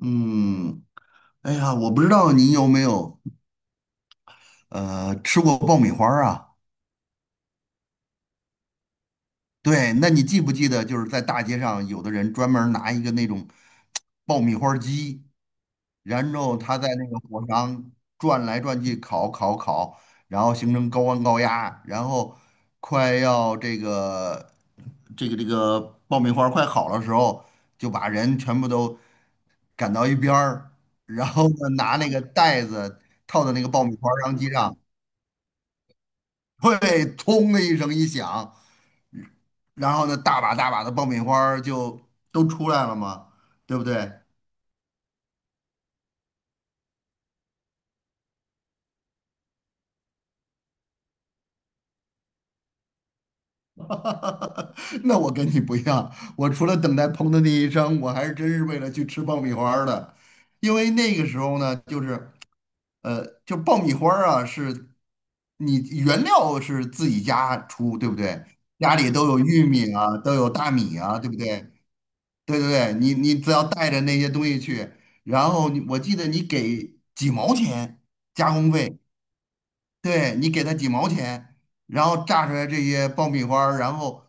嗯，哎呀，我不知道你有没有吃过爆米花儿啊？对，那你记不记得，就是在大街上，有的人专门儿拿一个那种爆米花儿机，然后他在那个火上转来转去烤烤烤，然后形成高温高压，然后快要这个爆米花儿快好的时候，就把人全部都赶到一边儿，然后呢拿那个袋子套到那个爆米花儿瓤机上。对，砰的一声一响，然后呢，大把大把的爆米花儿就都出来了嘛，对不对？那我跟你不一样，我除了等待砰的那一声，我还是真是为了去吃爆米花儿的，因为那个时候呢，就是就爆米花儿啊，是你原料是自己家出，对不对？家里都有玉米啊，都有大米啊，对不对？对对对，你只要带着那些东西去，然后你我记得你给几毛钱加工费，对你给他几毛钱，然后榨出来这些爆米花儿，然后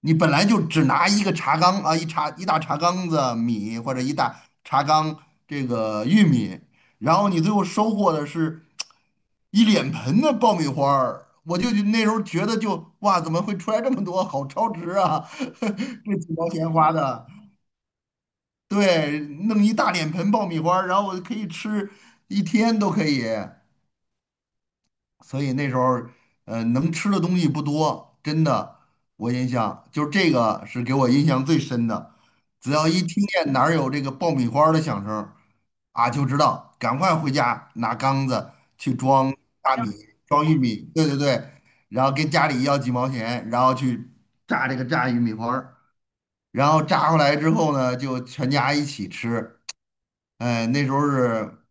你本来就只拿一个茶缸啊，一大茶缸子米或者一大茶缸这个玉米，然后你最后收获的是一脸盆的爆米花儿，我就那时候觉得就哇，怎么会出来这么多，好超值啊！这几毛钱花的。对，弄一大脸盆爆米花儿然后我可以吃一天都可以。所以那时候能吃的东西不多，真的，我印象就是这个是给我印象最深的。只要一听见哪儿有这个爆米花儿的响声儿啊，就知道赶快回家拿缸子去装大米、装玉米，对对对，然后跟家里要几毛钱，然后去炸这个炸玉米花儿，然后炸回来之后呢，就全家一起吃。哎，那时候是，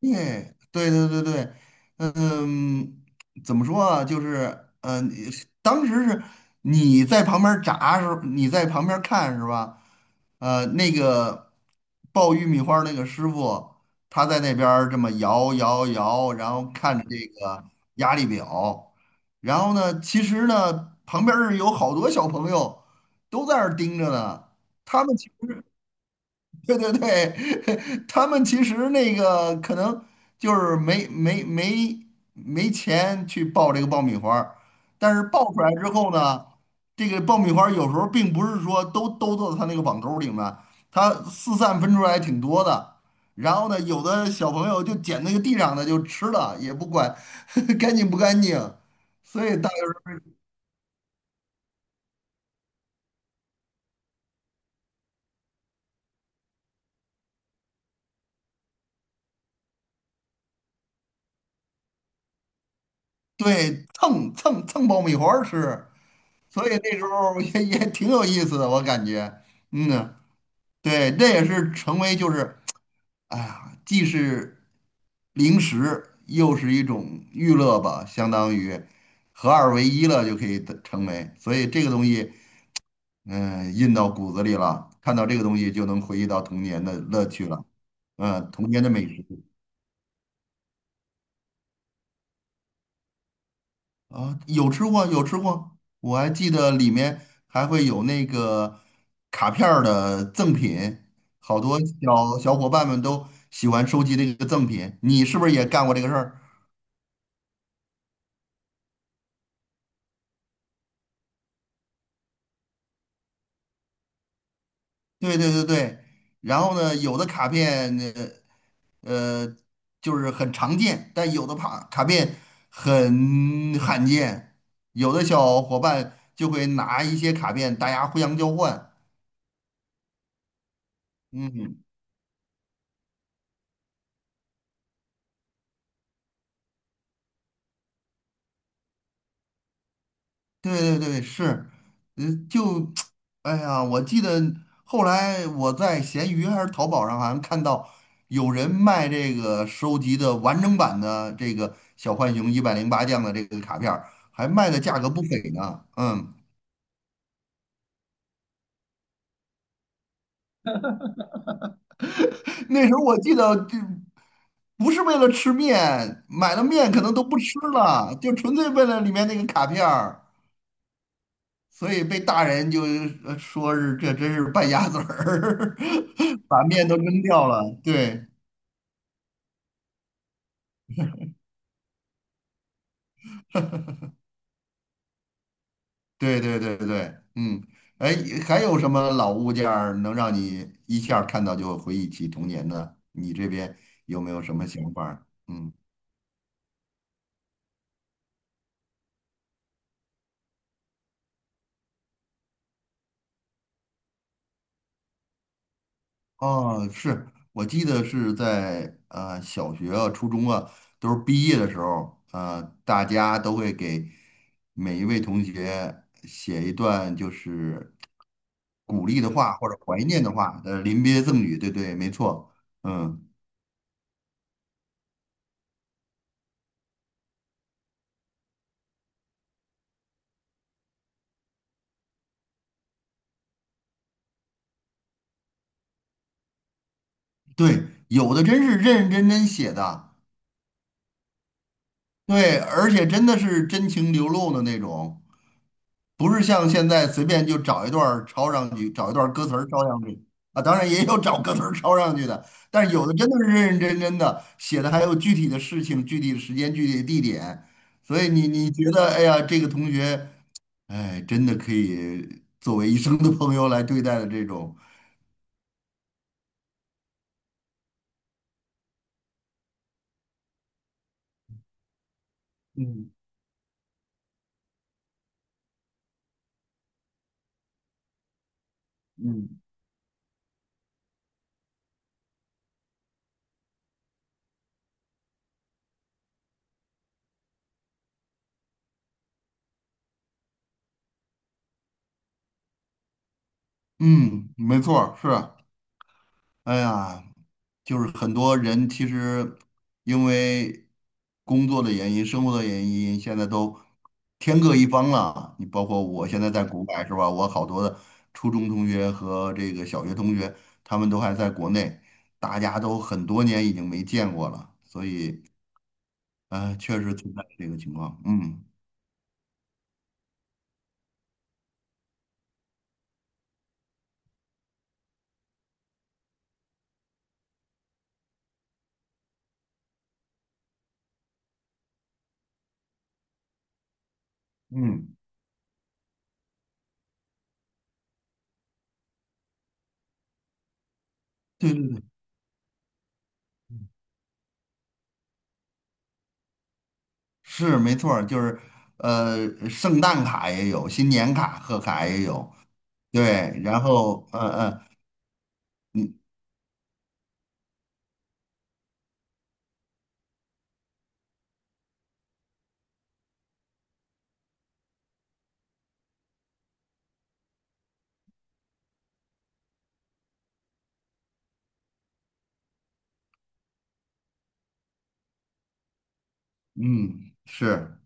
对，对对对对，嗯，怎么说啊？就是，嗯，当时是你在旁边儿炸时候，你在旁边儿看是吧？那个爆玉米花儿那个师傅，他在那边儿这么摇摇摇，然后看着这个压力表，然后呢，其实呢，旁边是有好多小朋友都在那儿盯着呢，他们其实。对对对，他们其实那个可能就是没钱去爆这个爆米花儿，但是爆出来之后呢，这个爆米花儿有时候并不是说都到他那个网兜儿里面，它四散分出来挺多的。然后呢，有的小朋友就捡那个地上的就吃了，也不管 干净不干净，所以大家对蹭蹭蹭爆米花儿吃。所以那时候 也挺有意思的，我感觉，嗯，对，这也是成为就是，哎呀，既是零食，又是一种娱乐吧，相当于合二为一了，就可以得成为。所以这个东西，嗯，印到骨子里了，看到这个东西就能回忆到童年的乐趣了，嗯，童年的美食。啊，有吃过，有吃过，我还记得里面还会有那个卡片儿的赠品，好多小伙伴们都喜欢收集这个赠品。你是不是也干过这个事儿？对对对对。然后呢，有的卡片呃就是很常见，但有的卡片很罕见，有的小伙伴就会拿一些卡片，大家互相交换。嗯对对对，是，就，哎呀，我记得后来我在闲鱼还是淘宝上，好像看到有人卖这个收集的完整版的这个小浣熊一百零八将的这个卡片儿还卖的价格不菲呢。嗯，那时候我记得就不是为了吃面，买了面可能都不吃了，就纯粹为了里面那个卡片儿所以被大人就说是这真是败家子儿，把面都扔掉了。对对对对对，嗯，哎，还有什么老物件儿能让你一下儿看到就回忆起童年的？你这边有没有什么想法儿嗯，哦，是我记得是在小学啊、初中啊，都是毕业的时候，大家都会给每一位同学写一段就是。鼓励的话或者怀念的话，临别赠语，对对，没错，嗯，对，有的真是认认真真写的，对，而且真的是真情流露的那种，不是像现在随便就找一段儿抄上去，找一段儿歌词儿抄上去啊，当然也有找歌词儿抄上去的，但是有的真的是认认真真的写的，还有具体的事情、具体的时间、具体的地点，所以你觉得，哎呀，这个同学，哎，真的可以作为一生的朋友来对待的这种。嗯，嗯嗯，没错儿，是，哎呀，就是很多人其实因为工作的原因、生活的原因，现在都天各一方了。你包括我现在在国外是吧？我好多的初中同学和这个小学同学，他们都还在国内，大家都很多年已经没见过了，所以确实存在这个情况。嗯嗯，对对对。是没错儿，就是圣诞卡也有，新年卡、贺卡也有，对，然后嗯嗯，是，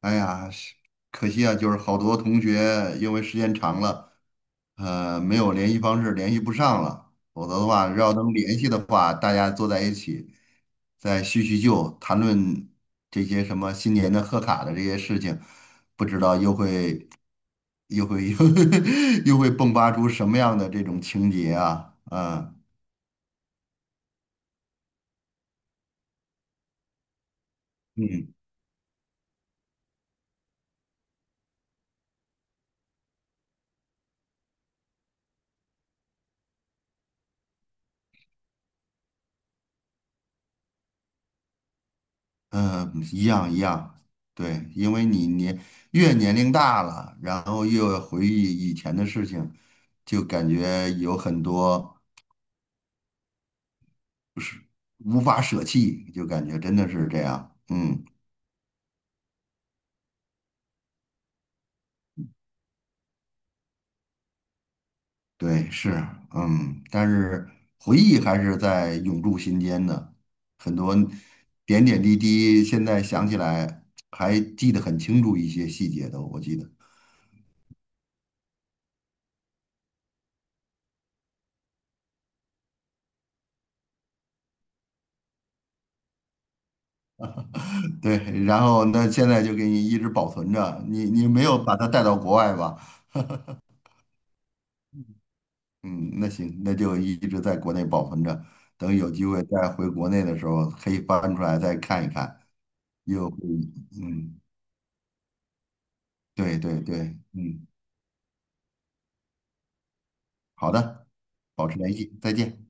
哎呀，是可惜啊，就是好多同学因为时间长了，没有联系方式，联系不上了，否则的话，要能联系的话，大家坐在一起再叙叙旧，谈论这些什么新年的贺卡的这些事情，又会 又会迸发出什么样的这种情节啊，啊？嗯，嗯，一样一样，对，因为越年龄大了，然后越回忆以前的事情，就感觉有很多无法舍弃，就感觉真的是这样。嗯，对，是，嗯，但是回忆还是在永驻心间的，很多点点滴滴，现在想起来还记得很清楚一些细节的，我记得。对，然后那现在就给你一直保存着，你没有把它带到国外吧？嗯，那行，那就一直在国内保存着，等有机会再回国内的时候，可以翻出来再看一看，又会，嗯，对对对，嗯，好的，保持联系，再见。